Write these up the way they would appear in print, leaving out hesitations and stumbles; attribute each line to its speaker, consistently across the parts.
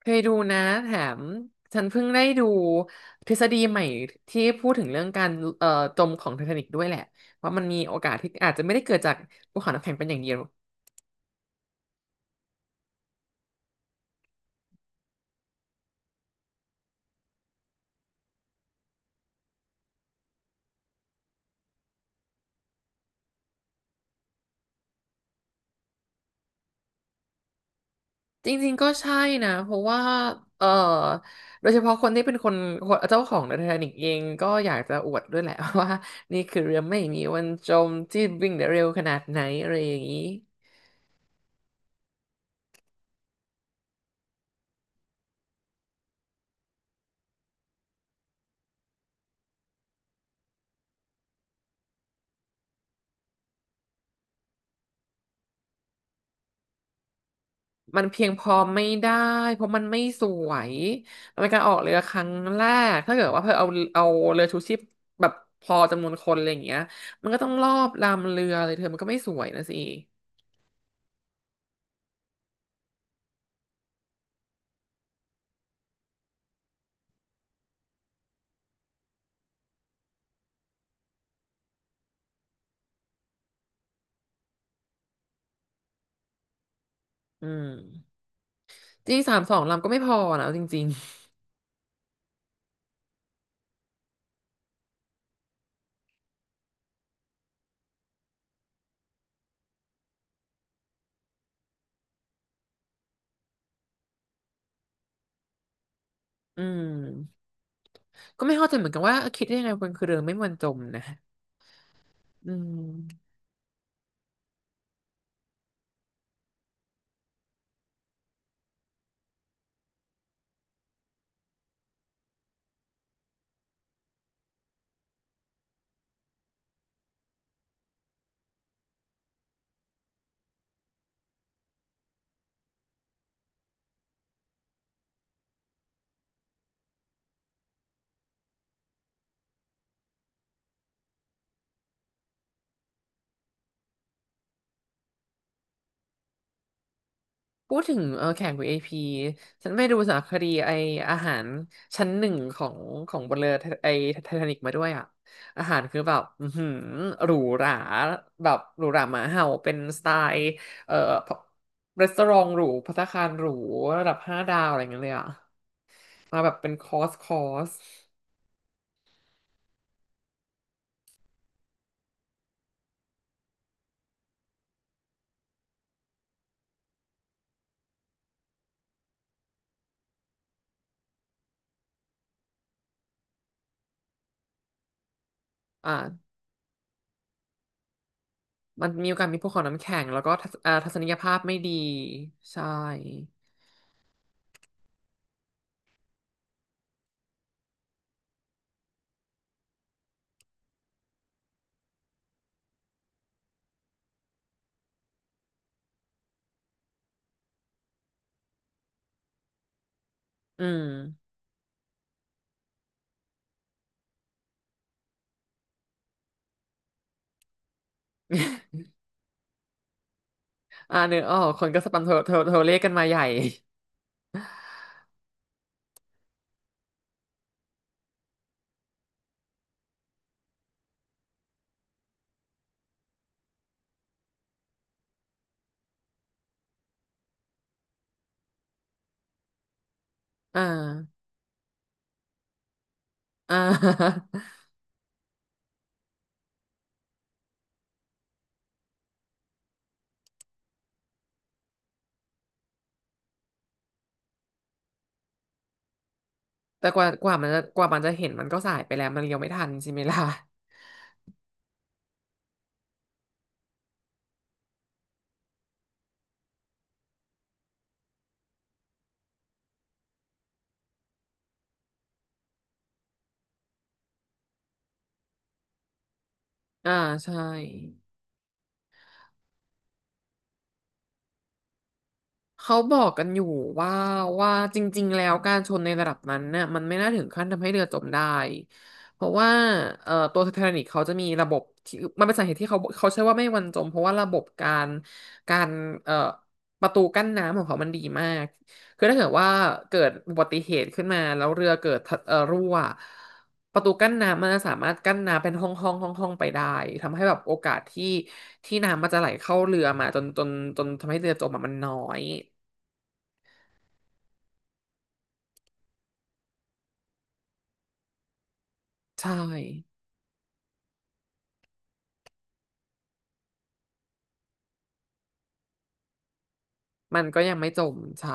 Speaker 1: เคยดูนะแถมฉันเพิ่งได้ดูทฤษฎีใหม่ที่พูดถึงเรื่องการเอ่อจมของไททานิกด้วยแหละว่ามันมีโอกาสที่อาจจะไม่ได้เกิดจากภูเขาน้ำแข็งเป็นอย่างเดียวจริงๆก็ใช่นะเพราะว่าเอ่อโดยเฉพาะคนที่เป็นคนเจ้าของไททานิกเองก็อยากจะอวดด้วยแหละ ว่านี่คือเรือไม่มีวันจมที่วิ่งได้เร็วขนาดไหนอะไรอย่างนี้ มันเพียงพอไม่ได้เพราะมันไม่สวยมันเป็นการออกเรือครั้งแรกถ้าเกิดว่าเพื่อเอาเรือชูชีพแบบพอจำนวนคนอะไรอย่างเงี้ยมันก็ต้องรอบลำเรือเลยเธอมันก็ไม่สวยนะสิอืมจริงสามสองลำก็ไม่พอนะเอาจริงๆอืมก็ไม่เข้าใจเหมือนกันว่าคิดได้ยังไงบนคือเรือไม่มันจมนะอืม พูดถึงแข่งของเอพีฉันไปดูสารคดีไออาหารชั้นหนึ่งของบนเรือไอไททานิกมาด้วยอ่ะอาหารคือแบบอือหือหรูหราแบบหรูหราหมาเห่าเป็นสไตล์เอ่อรีสอร์ทหรูภัตตาคารหรูระดับ5 ดาวอะไรอย่างเงี้ยเลยอ่ะมาแบบเป็นคอร์สอ่ามันมีโอกาสมีพวกของน้ำแข็งแล้วก็ทัศนียภาพไม่ดีใช่อืม เนื้อออกคนก็สปันโทรเลขกันมาใหญ่ อ่าอ่า แต่กว่ากว่ามันจะกว่ามันจะเห็นมันก็สายไปแล้วมันเลี้ยวไม่ทันใช่ไหมล่ะอ่าใช่เขาบอกกันอยู่ว่าว่าจริงๆแล้วการชนในระดับนั้นเนี่ยมันไม่น่าถึงขั้นทำให้เรือจมได้เพราะว่าตัวไททานิกเขาจะมีระบบที่มันเป็นสาเหตุที่เขาใช้ว่าไม่วันจมเพราะว่าระบบการเอ่อประตูกั้นน้ำของเขามันดีมาก คือถ้าเกิดว่าเกิดอุบัติเหตุขึ้นมาแล้วเรือเกิดทะรั่วประตูกั้นน้ำมันจะสามารถกั้นน้ำเป็นห้องห้องห้องห้องไปได้ทำให้แบบโอกาสที่น้ำมันจะไหลเข้าเรือมาจนทำให้เรือจมอะมันน้อยใช่ มันก็ยังไม่จมใช่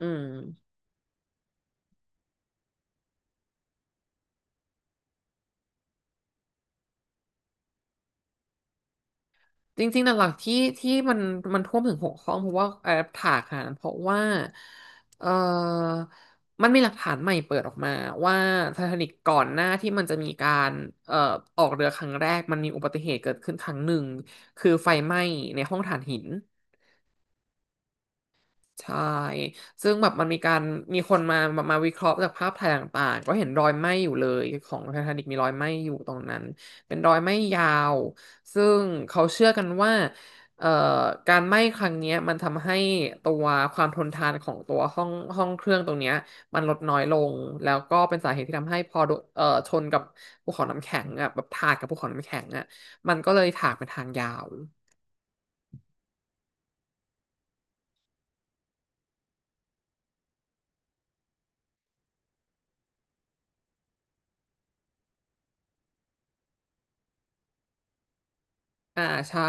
Speaker 1: อืม จริงๆหลักๆที่มันท่วมถึง6 ห้องเพราะว่าแอปถากค่ะเพราะว่าเออมันมีหลักฐานใหม่เปิดออกมาว่าไททานิกก่อนหน้าที่มันจะมีการเอ่อออกเรือครั้งแรกมันมีอุบัติเหตุเกิดขึ้นครั้งหนึ่งคือไฟไหม้ในห้องถ่านหิน ใช่ซึ่งแบบมันมีการมีคนมาวิเคราะห์จากภาพถ่ายต่างๆก็เห็นรอยไหม้อยู่เลยของไททานิกมีรอยไหม้อยู่ตรงนั้นเป็นรอยไหม้ยาวซึ่งเขาเชื่อกันว่าเอ่อการไหม้ครั้งเนี้ยมันทำให้ตัวความทนทานของตัวห้องเครื่องตรงเนี้ยมันลดน้อยลงแล้วก็เป็นสาเหตุที่ทำให้พอโดนชนกับภูเขาน้ำแข็งอ่ะแบบถากกับภูเขาน้ำแข็งอ่ะมันก็เลยถากเป็นทางยาวอ่าใช่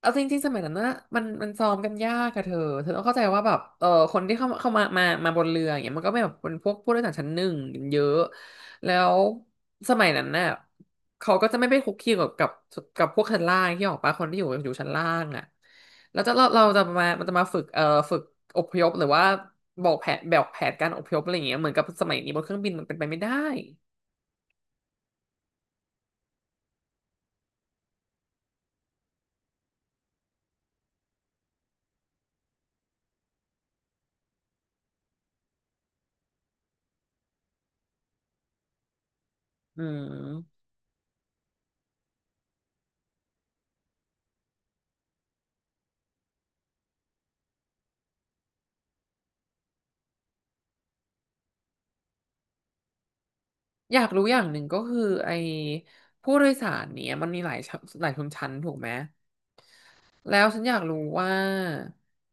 Speaker 1: เอาจริงๆสมัยนั้นนะมันซ้อมกันยากอะเธอต้องเข้าใจว่าแบบคนที่เข้ามาบนเรืออย่างเงี้ยมันก็ไม่แบบเป็นพวกผู้โดยสารชั้นหนึ่งกันเยอะแล้วสมัยนั้นน่ะเขาก็จะไม่ไปคุกคีกับพวกชั้นล่างที่ออกปะคนที่อยู่ชั้นล่างอะแล้วจะเราจะมามันจะมาฝึกอพยพหรือว่าบอกแผนแบบแผนการอพยพอะไรอย่างเงี้ยเหมือนกับสมัยนี้บนเครื่องบินมันเป็นไปไม่ได้อืม อยากรู้อย่างหนึ่งก็คือไอ้ผู้โดยสารเนี่ยมันมีหลายชั้นหลายชนชั้นถูกไหมแล้วฉันอยากรู้ว่า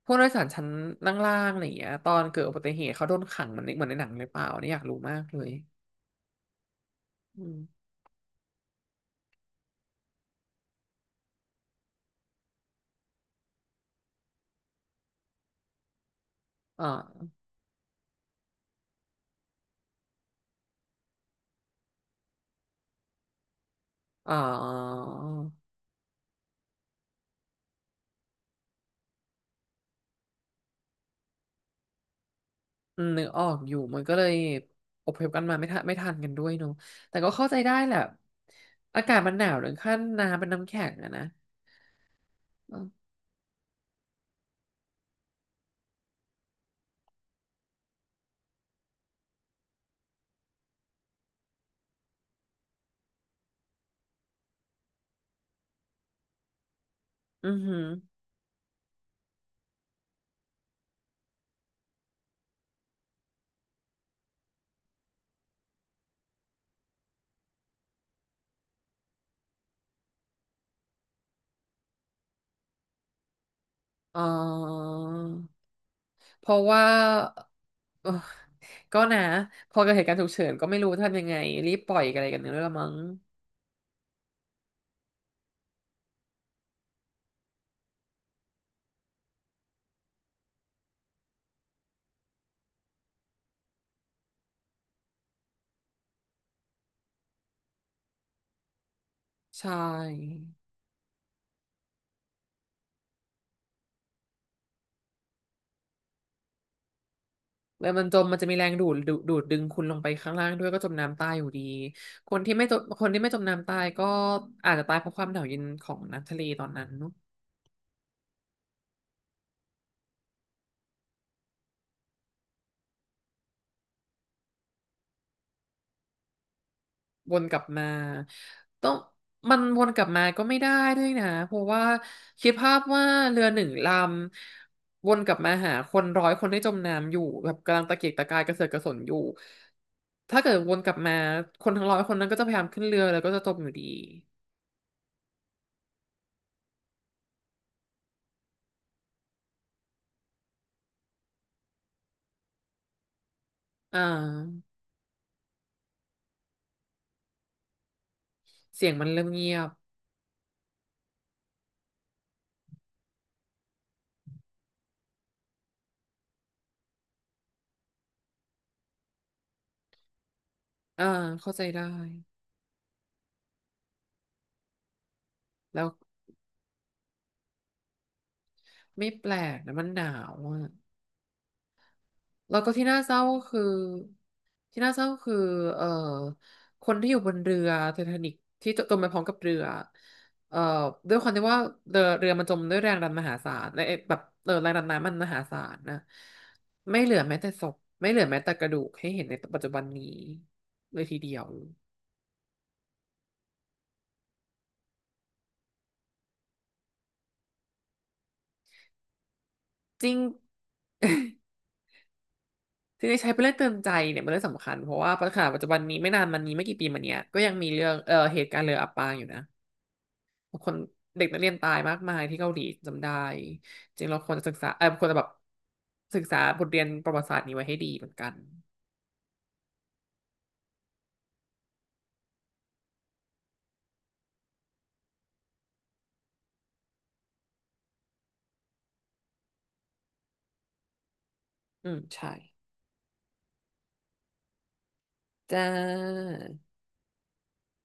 Speaker 1: ผู้โดยสารชั้นล่างๆอะไรอย่างเงี้ยตอนเกิดอุบัติเหตุเขาโดนขังเหมือนในหนังหรือเปล่าเนี่ยอยากรู้มากเลยอืมอ่าอ่านึกออกอยู่มันก็เลยอพยพกันมาไม่ทันไม่ทันกันด้วยเนอะแต่ก็เข้าใจได้แหละอากาศมันหนาวถึงขั้นน้ำเป็นน้ำแข็งอะนะอืมอือหืออ๋อ เพราะว่าเออก็นะพอเกิดเหตุการณ์ฉุกเฉินก็ไม่รู้จะทำยังไงรีบปล่อยอะไรกันเนี่ยละมั้งใช่แล้วมันจมมันจะมีแรงดูดดึงคุณลงไปข้างล่างด้วยก็จมน้ำตายอยู่ดีคนที่ไม่จมน้ำตายก็อาจจะตายเพราะความหนาวเย็นของน้ำทะเลตอนนั้น วนกลับมาต้องมันวนกลับมาก็ไม่ได้ด้วยนะเพราะว่าคิดภาพว่าเรือหนึ่งลำวนกลับมาหาคนร้อยคนที่จมน้ำอยู่แบบกำลังตะเกียกตะกายกระเสือกกระสนอยู่ถ้าเกิดวนกลับมาคนทั้งร้อยคนนั้นก็จะพยายามขึ้นเรือแล้วก็จะจมอยู่ดีอ่าเสียงมันเริ่มเงียบอ่าเข้าใจได้แล้วไม่แปลกนะมันหนาวอ่ะ แล้วก็ที่น่าเศร้าก็คือที่น่าเศร้าก็คือเอ่อคนที่อยู่บนเรือไททานิกที่จมไปพร้อมกับเรือเอ่อด้วยความที่ว่าเรือมันจมด้วยแรงดันมหาศาลและไอ้แบบแรงดันน้ำมันมหาศาลนะไม่เหลือแม้แต่ศพไม่เหลือแม้แต่กระดูกให้เห็นในปัจจุบันนี้เลยทีเดียวจริง ที่ได้ใช้เป็นเรื่องเตือนใจเนี่ยเป็นเรื่องสำคัญเพราะว่าปัญหาปัจจุบันนี้ไม่นานมานี้ไม่กี่ปีมาเนี้ยก็ยังมีเรื่องเหตุการณ์เรืออับปางอยู่นะ คนเด็กนักเรียนตายมากมายที่เกาหลีจำได้จริงเราควรจะศึกษาควรจะแบบศึกษาบทเรียนประวัติศาสตร์นี้ไว้ให้ดีเหมือนกันอืมใช่จ้า